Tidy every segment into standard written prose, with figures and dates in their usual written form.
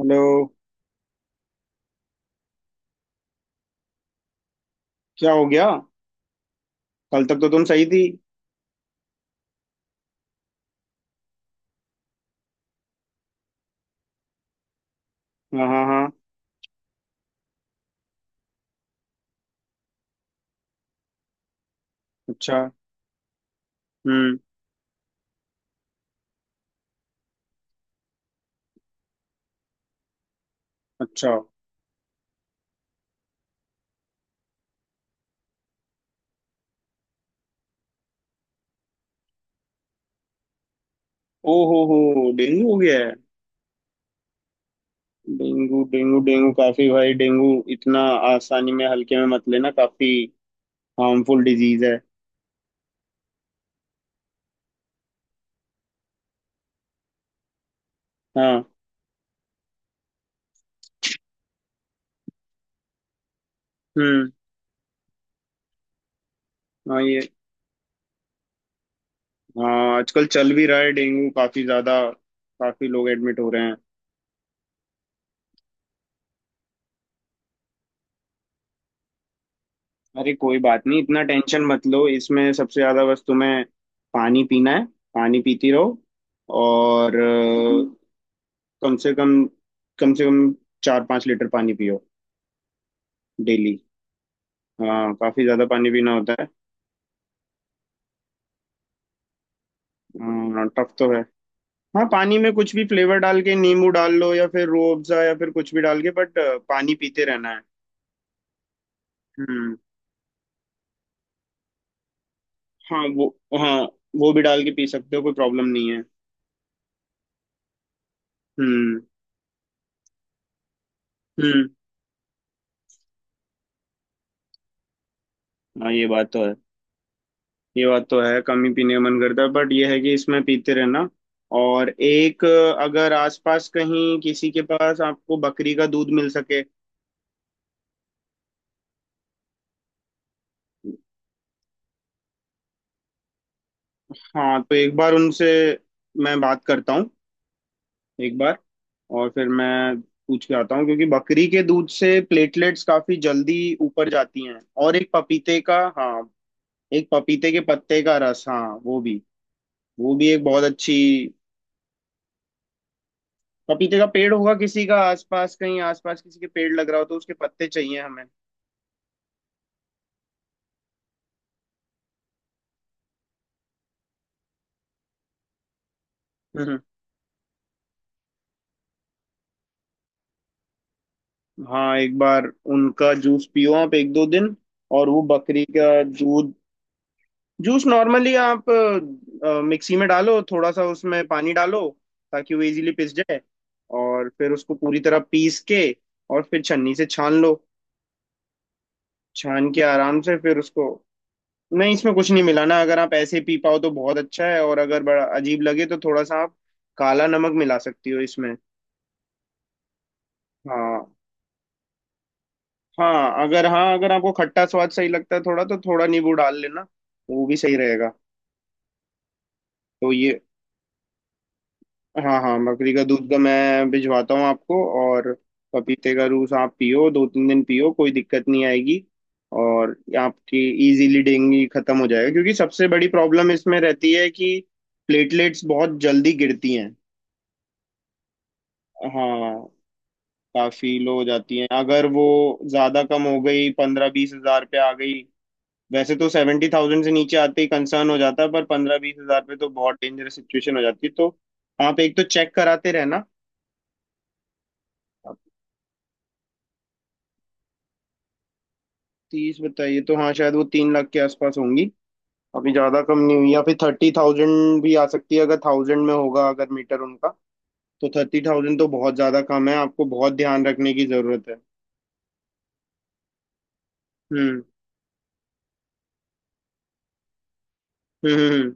Hello. क्या हो गया? कल तक तो तुम सही थी। हाँ, हाँ, हाँ। अच्छा। हम्म। अच्छा। ओ हो, डेंगू हो गया है? डेंगू, डेंगू, डेंगू काफी भाई डेंगू। इतना आसानी में हल्के में मत लेना, काफी हार्मफुल डिजीज है। हाँ। हम्म हाँ ये। हाँ, आजकल चल भी रहा है डेंगू काफी ज्यादा, काफी लोग एडमिट हो रहे हैं। अरे कोई बात नहीं, इतना टेंशन मत लो, इसमें सबसे ज्यादा बस तुम्हें पानी पीना है, पानी पीती रहो। और कम से कम कम से कम 4-5 लीटर पानी पियो डेली। हाँ, काफी ज्यादा पानी पीना होता है। टफ तो है। हाँ, पानी में कुछ भी फ्लेवर डाल के, नींबू डाल लो या फिर रूह अफ़ज़ा या फिर कुछ भी डाल के, बट पानी पीते रहना है। हम्म। हाँ वो। हाँ, वो भी डाल के पी सकते हो, कोई प्रॉब्लम नहीं है। हम्म। हम्म। हाँ, ये बात तो है। ये बात तो है, कम ही पीने का मन करता है, बट ये है कि इसमें पीते रहना। और एक अगर आसपास कहीं किसी के पास आपको बकरी का दूध मिल सके। हाँ, तो एक बार उनसे मैं बात करता हूँ एक बार, और फिर मैं पूछ के आता हूँ, क्योंकि बकरी के दूध से प्लेटलेट्स काफी जल्दी ऊपर जाती हैं। और एक पपीते का, हाँ, एक पपीते के पत्ते का रस, हाँ, वो भी, वो भी एक बहुत अच्छी। पपीते का पेड़ होगा किसी का आसपास, कहीं आसपास किसी के पेड़ लग रहा हो तो उसके पत्ते चाहिए हमें। हम्म। हाँ, एक बार उनका जूस पियो आप 1-2 दिन, और वो बकरी का दूध। जूस नॉर्मली आप मिक्सी में डालो, थोड़ा सा उसमें पानी डालो ताकि वो इजीली पिस जाए, और फिर उसको पूरी तरह पीस के, और फिर छन्नी से छान लो। छान के आराम से फिर उसको। नहीं, इसमें कुछ नहीं मिलाना, अगर आप ऐसे पी पाओ तो बहुत अच्छा है, और अगर बड़ा अजीब लगे तो थोड़ा सा आप काला नमक मिला सकती हो इसमें। हाँ। हाँ अगर, हाँ अगर आपको खट्टा स्वाद सही लगता है थोड़ा, तो थोड़ा नींबू डाल लेना, वो भी सही रहेगा। तो ये, हाँ हाँ, बकरी का दूध का मैं भिजवाता हूँ आपको। और पपीते का जूस आप पियो 2-3 दिन पियो, कोई दिक्कत नहीं आएगी। और ये आपकी इजीली डेंगू खत्म हो जाएगा, क्योंकि सबसे बड़ी प्रॉब्लम इसमें रहती है कि प्लेटलेट्स बहुत जल्दी गिरती हैं। हाँ, काफी लो हो जाती हैं, अगर वो ज्यादा कम हो गई, 15-20 हजार पे आ गई। वैसे तो सेवेंटी थाउजेंड से नीचे आते ही कंसर्न हो जाता है, पर पंद्रह बीस हजार पे तो बहुत डेंजरस सिचुएशन हो जाती है, तो आप एक तो चेक कराते रहना। तीस बताइए, तो हाँ शायद वो 3 लाख के आसपास होंगी, अभी ज्यादा कम नहीं हुई, या फिर थर्टी थाउजेंड भी आ सकती है अगर थाउजेंड में होगा, अगर मीटर उनका। तो थर्टी थाउजेंड तो बहुत ज्यादा कम है, आपको बहुत ध्यान रखने की जरूरत है। हम्म। हम्म।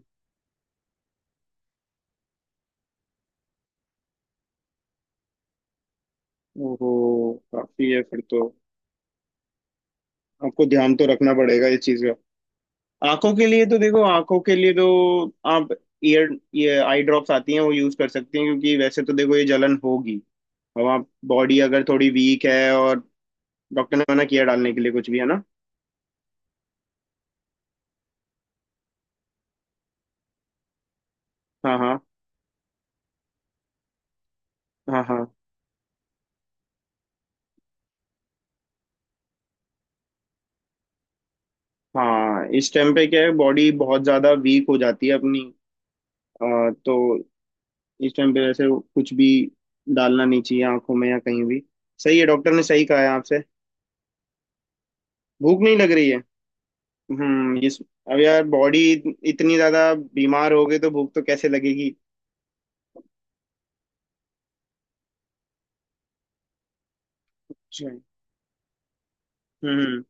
ओहो, काफी है फिर तो। आपको ध्यान तो रखना पड़ेगा इस चीज का। आंखों के लिए तो देखो, आंखों के लिए तो आप ईयर ये आई ड्रॉप्स आती हैं, वो यूज कर सकती हैं, क्योंकि वैसे तो देखो ये जलन होगी। अब आप, बॉडी अगर थोड़ी वीक है और। डॉक्टर ने मना किया डालने के लिए कुछ भी है ना? हाँ, हाँ। हाँ, हाँ। हाँ, इस टाइम पे क्या है, बॉडी बहुत ज्यादा वीक हो जाती है अपनी। अ, तो इस टाइम पे वैसे कुछ भी डालना नहीं चाहिए आंखों में या कहीं भी। सही है, डॉक्टर ने सही कहा है आपसे। भूख नहीं लग रही है? ये, अब यार बॉडी इतनी ज्यादा बीमार हो गई तो भूख तो कैसे लगेगी। अच्छा। हम्म।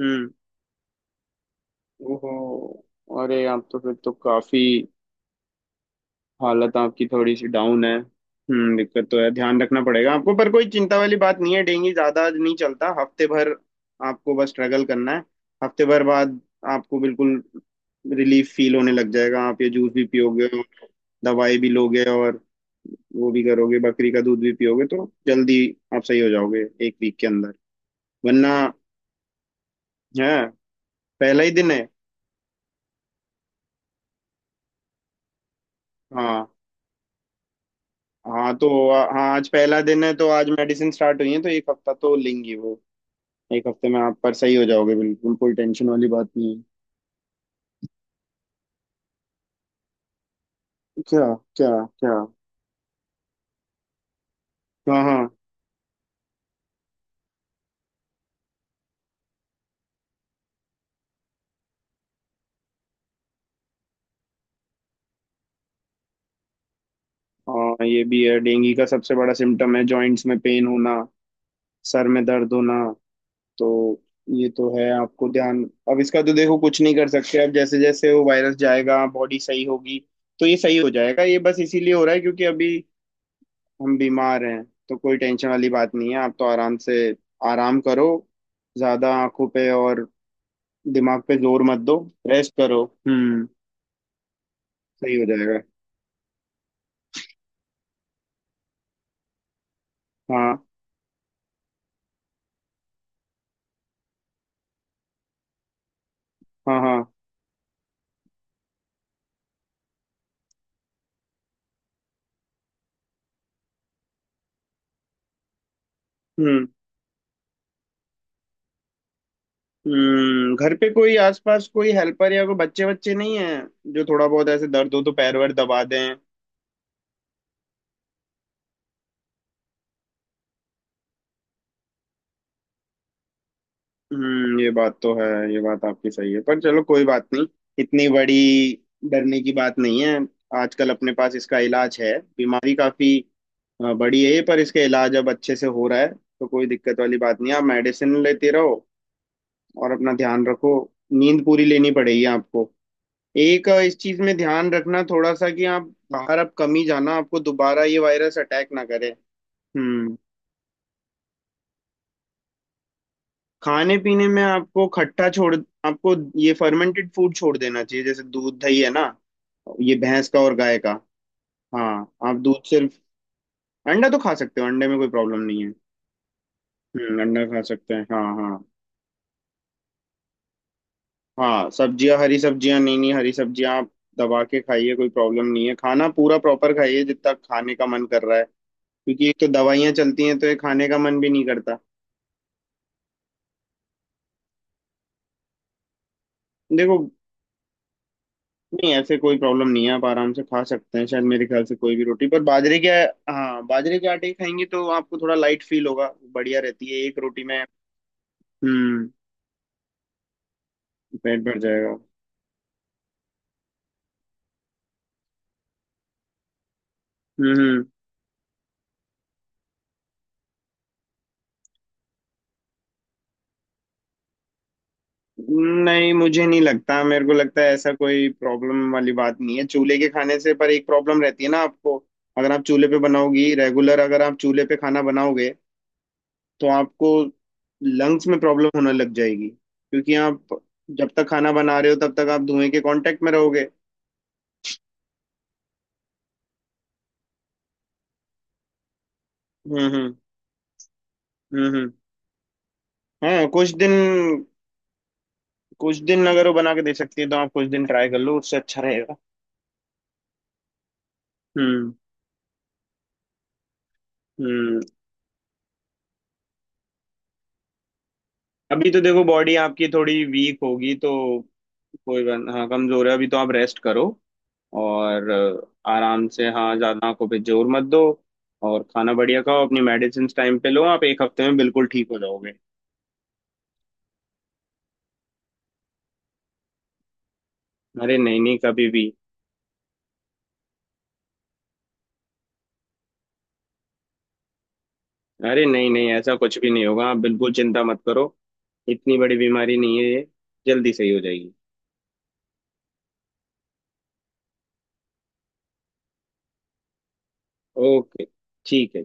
हम्म। ओहो, अरे आप तो फिर तो काफी, हालत आपकी थोड़ी सी डाउन है। हम्म, दिक्कत तो है, ध्यान रखना पड़ेगा आपको, पर कोई चिंता वाली बात नहीं है, डेंगू ज्यादा नहीं चलता, हफ्ते भर आपको बस स्ट्रगल करना है, हफ्ते भर बाद आपको बिल्कुल रिलीफ फील होने लग जाएगा। आप ये जूस भी पियोगे, और दवाई भी लोगे, और वो भी करोगे, बकरी का दूध भी पियोगे, तो जल्दी आप सही हो जाओगे 1 वीक के अंदर। वरना है, पहला ही दिन है। हाँ हाँ, तो हाँ, आज पहला दिन है, तो आज मेडिसिन स्टार्ट हुई है तो 1 हफ्ता तो लेंगी वो, एक हफ्ते में आप पर सही हो जाओगे, बिल्कुल कोई टेंशन वाली बात नहीं है। क्या क्या? क्या? हाँ, हाँ, हाँ, ये भी है, डेंगू का सबसे बड़ा सिम्टम है जॉइंट्स में पेन होना, सर में दर्द होना। तो ये तो है आपको ध्यान, अब इसका तो देखो कुछ नहीं कर सकते, अब जैसे जैसे वो वायरस जाएगा बॉडी सही होगी, तो ये सही हो जाएगा, ये बस इसीलिए हो रहा है क्योंकि अभी हम बीमार हैं। तो कोई टेंशन वाली बात नहीं है, आप तो आराम से आराम करो, ज्यादा आंखों पे और दिमाग पे जोर मत दो, रेस्ट करो। हम्म, सही हो जाएगा। हाँ, हाँ, हाँ। हम्म हम्म, घर पे कोई आसपास कोई हेल्पर या कोई बच्चे बच्चे नहीं है जो थोड़ा बहुत ऐसे दर्द हो तो पैर वैर दबा दें? हम्म, ये बात तो है, ये बात आपकी सही है, पर चलो कोई बात नहीं, इतनी बड़ी डरने की बात नहीं है। आजकल अपने पास इसका इलाज है, बीमारी काफी बड़ी है ये, पर इसका इलाज अब अच्छे से हो रहा है, तो कोई दिक्कत वाली बात नहीं है, आप मेडिसिन लेते रहो और अपना ध्यान रखो। नींद पूरी लेनी पड़ेगी आपको। एक इस चीज में ध्यान रखना थोड़ा सा कि आप बाहर अब कम ही जाना, आपको दोबारा ये वायरस अटैक ना करे। हम्म। खाने पीने में आपको खट्टा छोड़, आपको ये फर्मेंटेड फूड छोड़ देना चाहिए, जैसे दूध दही है ना, ये भैंस का और गाय का। हाँ, आप दूध सिर्फ। अंडा तो खा सकते हो, अंडे में कोई प्रॉब्लम नहीं है। हम्म, अंडा खा सकते हैं, हाँ हाँ। हाँ, सब्जियां, हरी सब्जियां नहीं नहीं, हरी सब्जियां आप दबा के खाइए, कोई प्रॉब्लम नहीं है, खाना पूरा प्रॉपर खाइए, जितना खाने का मन कर रहा है, क्योंकि एक तो दवाइयाँ चलती हैं तो ये खाने का मन भी नहीं करता। देखो, नहीं ऐसे कोई प्रॉब्लम नहीं है, आप आराम से खा सकते हैं, शायद मेरे ख्याल से कोई भी रोटी, पर बाजरे के, हाँ बाजरे के आटे की खाएंगे तो आपको थोड़ा लाइट फील होगा, बढ़िया रहती है एक रोटी में। हम्म, पेट भर जाएगा। हम्म, नहीं मुझे नहीं लगता, मेरे को लगता है ऐसा कोई प्रॉब्लम वाली बात नहीं है चूल्हे के खाने से, पर एक प्रॉब्लम रहती है ना आपको, अगर आप चूल्हे पे बनाओगी रेगुलर, अगर आप चूल्हे पे खाना बनाओगे तो आपको लंग्स में प्रॉब्लम होने लग जाएगी, क्योंकि आप जब तक खाना बना रहे हो तब तक आप धुएं के कांटेक्ट में रहोगे। हम्म। हम्म। हम्म। हम्म। हाँ, कुछ दिन, कुछ दिन अगर वो बना के दे सकती है तो आप कुछ दिन ट्राई कर लो, उससे अच्छा रहेगा। हम्म। हम्म। अभी तो देखो बॉडी आपकी थोड़ी वीक होगी तो, कोई बात, हाँ कमजोर है, अभी तो आप रेस्ट करो, और आराम से, हाँ ज्यादा आंखों पे जोर मत दो, और खाना बढ़िया खाओ, अपनी मेडिसिन टाइम पे लो, आप 1 हफ्ते में बिल्कुल ठीक हो जाओगे। अरे नहीं नहीं, कभी भी। अरे नहीं नहीं, ऐसा कुछ भी नहीं होगा, आप बिल्कुल चिंता मत करो, इतनी बड़ी बीमारी नहीं है ये, जल्दी सही हो जाएगी। ओके, ठीक है।